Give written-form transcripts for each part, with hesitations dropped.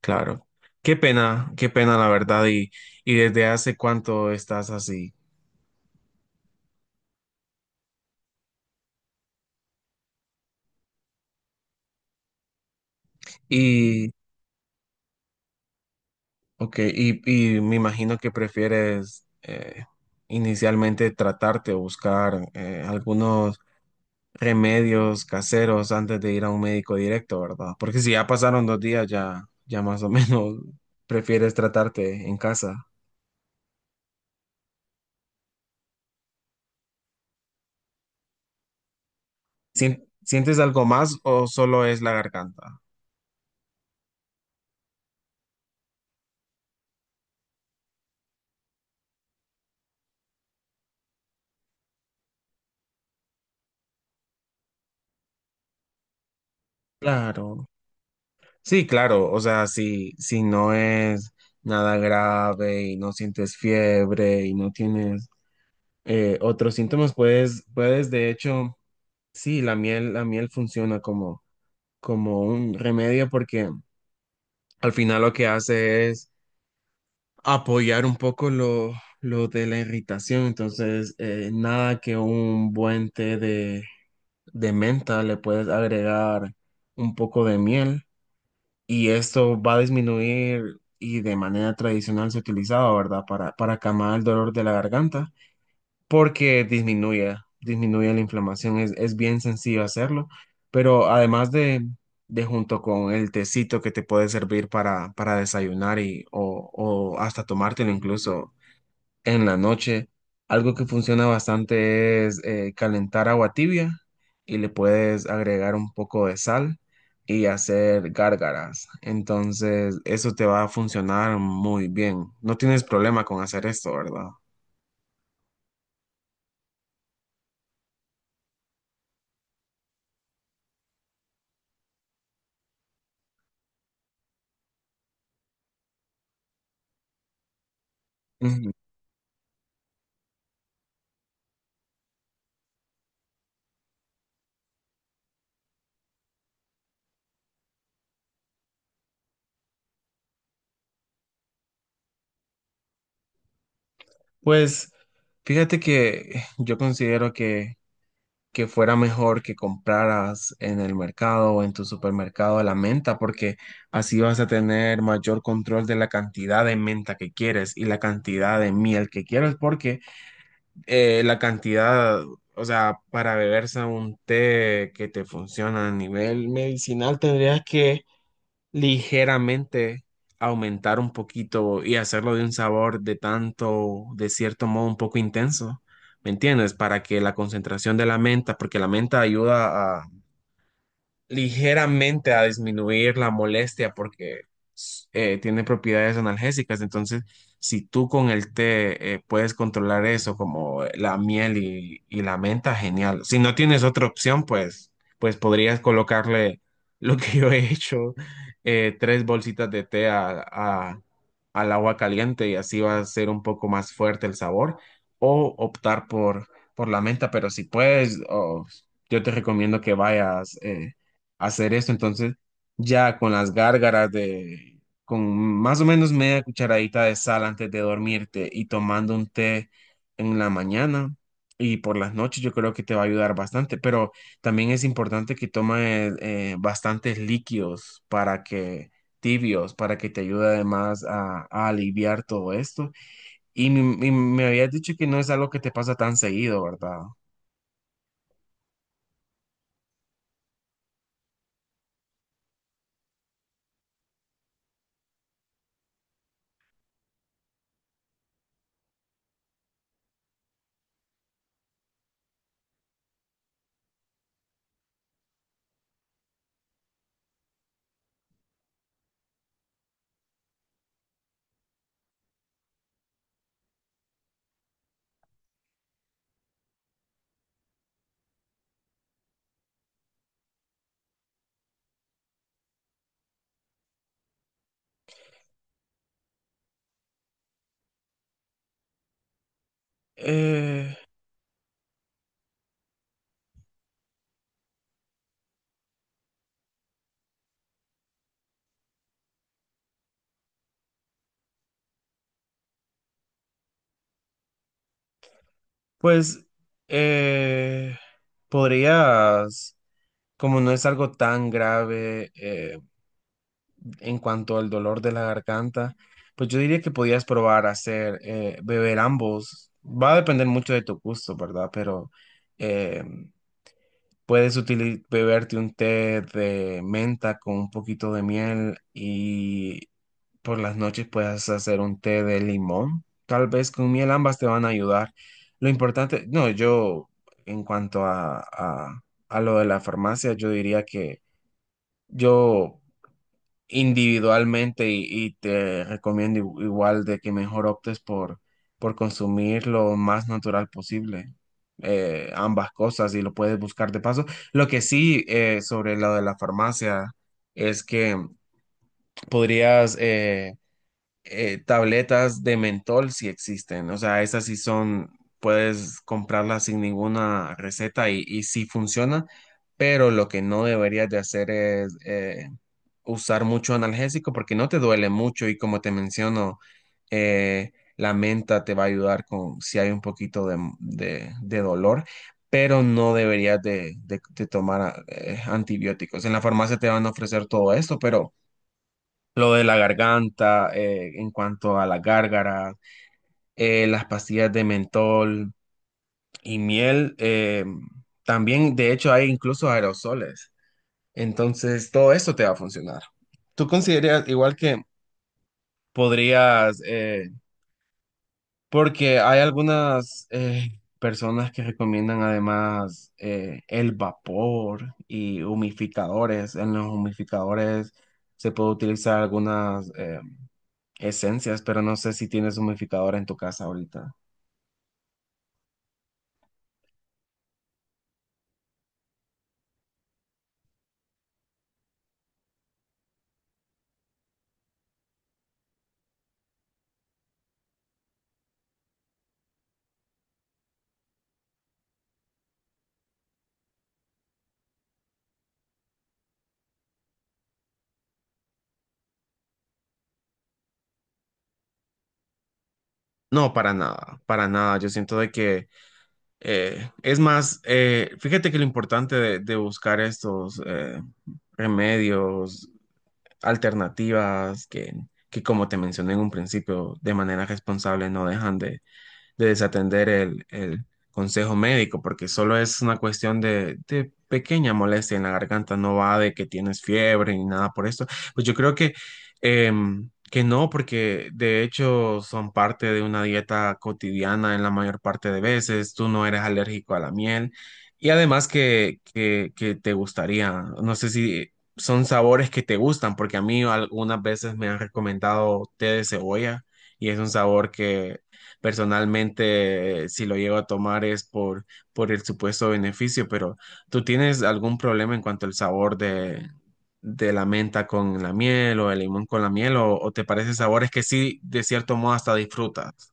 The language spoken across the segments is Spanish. Claro. Qué pena la verdad. Y desde hace cuánto estás así. Y, ok, y me imagino que prefieres inicialmente tratarte o buscar algunos remedios caseros antes de ir a un médico directo, ¿verdad? Porque si ya pasaron dos días, ya más o menos prefieres tratarte en casa. ¿Sientes algo más o solo es la garganta? Claro. Sí, claro, o sea, si no es nada grave y no sientes fiebre y no tienes otros síntomas, puedes, de hecho, sí, la miel funciona como, como un remedio porque al final lo que hace es apoyar un poco lo de la irritación, entonces nada que un buen té de menta le puedes agregar un poco de miel y esto va a disminuir y de manera tradicional se utilizaba, ¿verdad? Para calmar el dolor de la garganta, porque disminuye la inflamación, es bien sencillo hacerlo, pero además de junto con el tecito que te puede servir para desayunar y, o hasta tomártelo incluso en la noche. Algo que funciona bastante es calentar agua tibia y le puedes agregar un poco de sal y hacer gárgaras. Entonces, eso te va a funcionar muy bien. No tienes problema con hacer esto, ¿verdad? Ujú. Pues fíjate que yo considero que fuera mejor que compraras en el mercado o en tu supermercado la menta, porque así vas a tener mayor control de la cantidad de menta que quieres y la cantidad de miel que quieres, porque la cantidad, o sea, para beberse un té que te funciona a nivel medicinal, tendrías que ligeramente aumentar un poquito y hacerlo de un sabor de tanto, de cierto modo, un poco intenso. ¿Me entiendes? Para que la concentración de la menta, porque la menta ayuda a ligeramente a disminuir la molestia porque tiene propiedades analgésicas. Entonces, si tú con el té puedes controlar eso, como la miel y la menta, genial. Si no tienes otra opción, pues, pues podrías colocarle lo que yo he hecho, tres bolsitas de té al agua caliente y así va a ser un poco más fuerte el sabor, o optar por la menta, pero si puedes... o yo te recomiendo que vayas hacer esto. Entonces, ya con las gárgaras de, con más o menos media cucharadita de sal antes de dormirte y tomando un té en la mañana y por las noches, yo creo que te va a ayudar bastante. Pero también es importante que tomes bastantes líquidos para que tibios para que te ayude además a aliviar todo esto. Y me habías dicho que no es algo que te pasa tan seguido, ¿verdad? Eh, Pues eh, podrías, como no es algo tan grave en cuanto al dolor de la garganta, pues yo diría que podías probar hacer beber ambos. Va a depender mucho de tu gusto, ¿verdad? Pero eh, beberte un té de menta con un poquito de miel y por las noches puedes hacer un té de limón, tal vez con miel, ambas te van a ayudar. Lo importante, no, yo en cuanto a lo de la farmacia, yo diría que yo individualmente y te recomiendo igual de que mejor optes por consumir lo más natural posible. Ambas cosas y lo puedes buscar de paso. Lo que sí sobre lo de la farmacia es que podrías tabletas de mentol sí existen, o sea, esas sí son, puedes comprarlas sin ninguna receta y sí funciona, pero lo que no deberías de hacer es usar mucho analgésico porque no te duele mucho y como te menciono, eh, la menta te va a ayudar con si hay un poquito de, de dolor. Pero no deberías de, de tomar antibióticos. En la farmacia te van a ofrecer todo esto, pero lo de la garganta, en cuanto a la gárgara, las pastillas de mentol y miel, también de hecho hay incluso aerosoles. Entonces todo eso te va a funcionar. ¿Tú consideras igual que podrías, porque hay algunas personas que recomiendan además el vapor y humificadores? En los humificadores se puede utilizar algunas... esencias, pero no sé si tienes humidificador en tu casa ahorita. No, para nada, para nada. Yo siento de que, es más, fíjate que lo importante de buscar estos remedios, alternativas, que como te mencioné en un principio, de manera responsable no dejan de desatender el consejo médico, porque solo es una cuestión de pequeña molestia en la garganta, no va de que tienes fiebre ni nada por esto. Pues yo creo que, que no, porque de hecho son parte de una dieta cotidiana en la mayor parte de veces, tú no eres alérgico a la miel. Y además que te gustaría, no sé si son sabores que te gustan, porque a mí algunas veces me han recomendado té de cebolla y es un sabor que personalmente, si lo llego a tomar es por el supuesto beneficio, pero ¿tú tienes algún problema en cuanto al sabor de la menta con la miel o el limón con la miel o te parecen sabores que sí, de cierto modo, hasta disfrutas?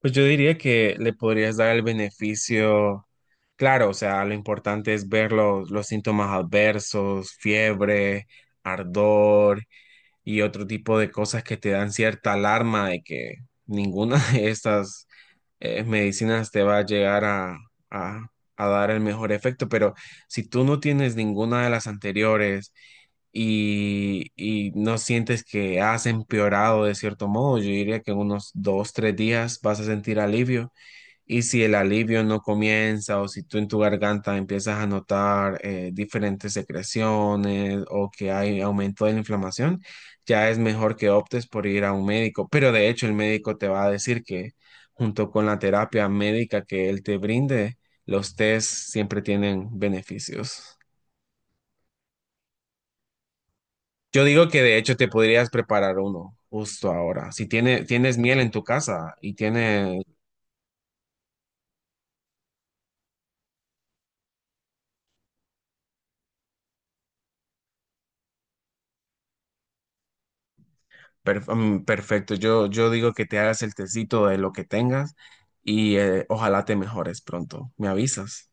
Pues yo diría que le podrías dar el beneficio, claro, o sea, lo importante es ver los síntomas adversos, fiebre, ardor y otro tipo de cosas que te dan cierta alarma de que ninguna de estas medicinas te va a llegar a, a- a dar el mejor efecto, pero si tú no tienes ninguna de las anteriores y no sientes que has empeorado de cierto modo, yo diría que en unos dos, tres días vas a sentir alivio y si el alivio no comienza o si tú en tu garganta empiezas a notar diferentes secreciones o que hay aumento de la inflamación, ya es mejor que optes por ir a un médico. Pero de hecho el médico te va a decir que junto con la terapia médica que él te brinde, los test siempre tienen beneficios. Yo digo que de hecho te podrías preparar uno justo ahora. Si tiene, tienes miel en tu casa y tiene perfecto, yo digo que te hagas el tecito de lo que tengas y ojalá te mejores pronto. ¿Me avisas?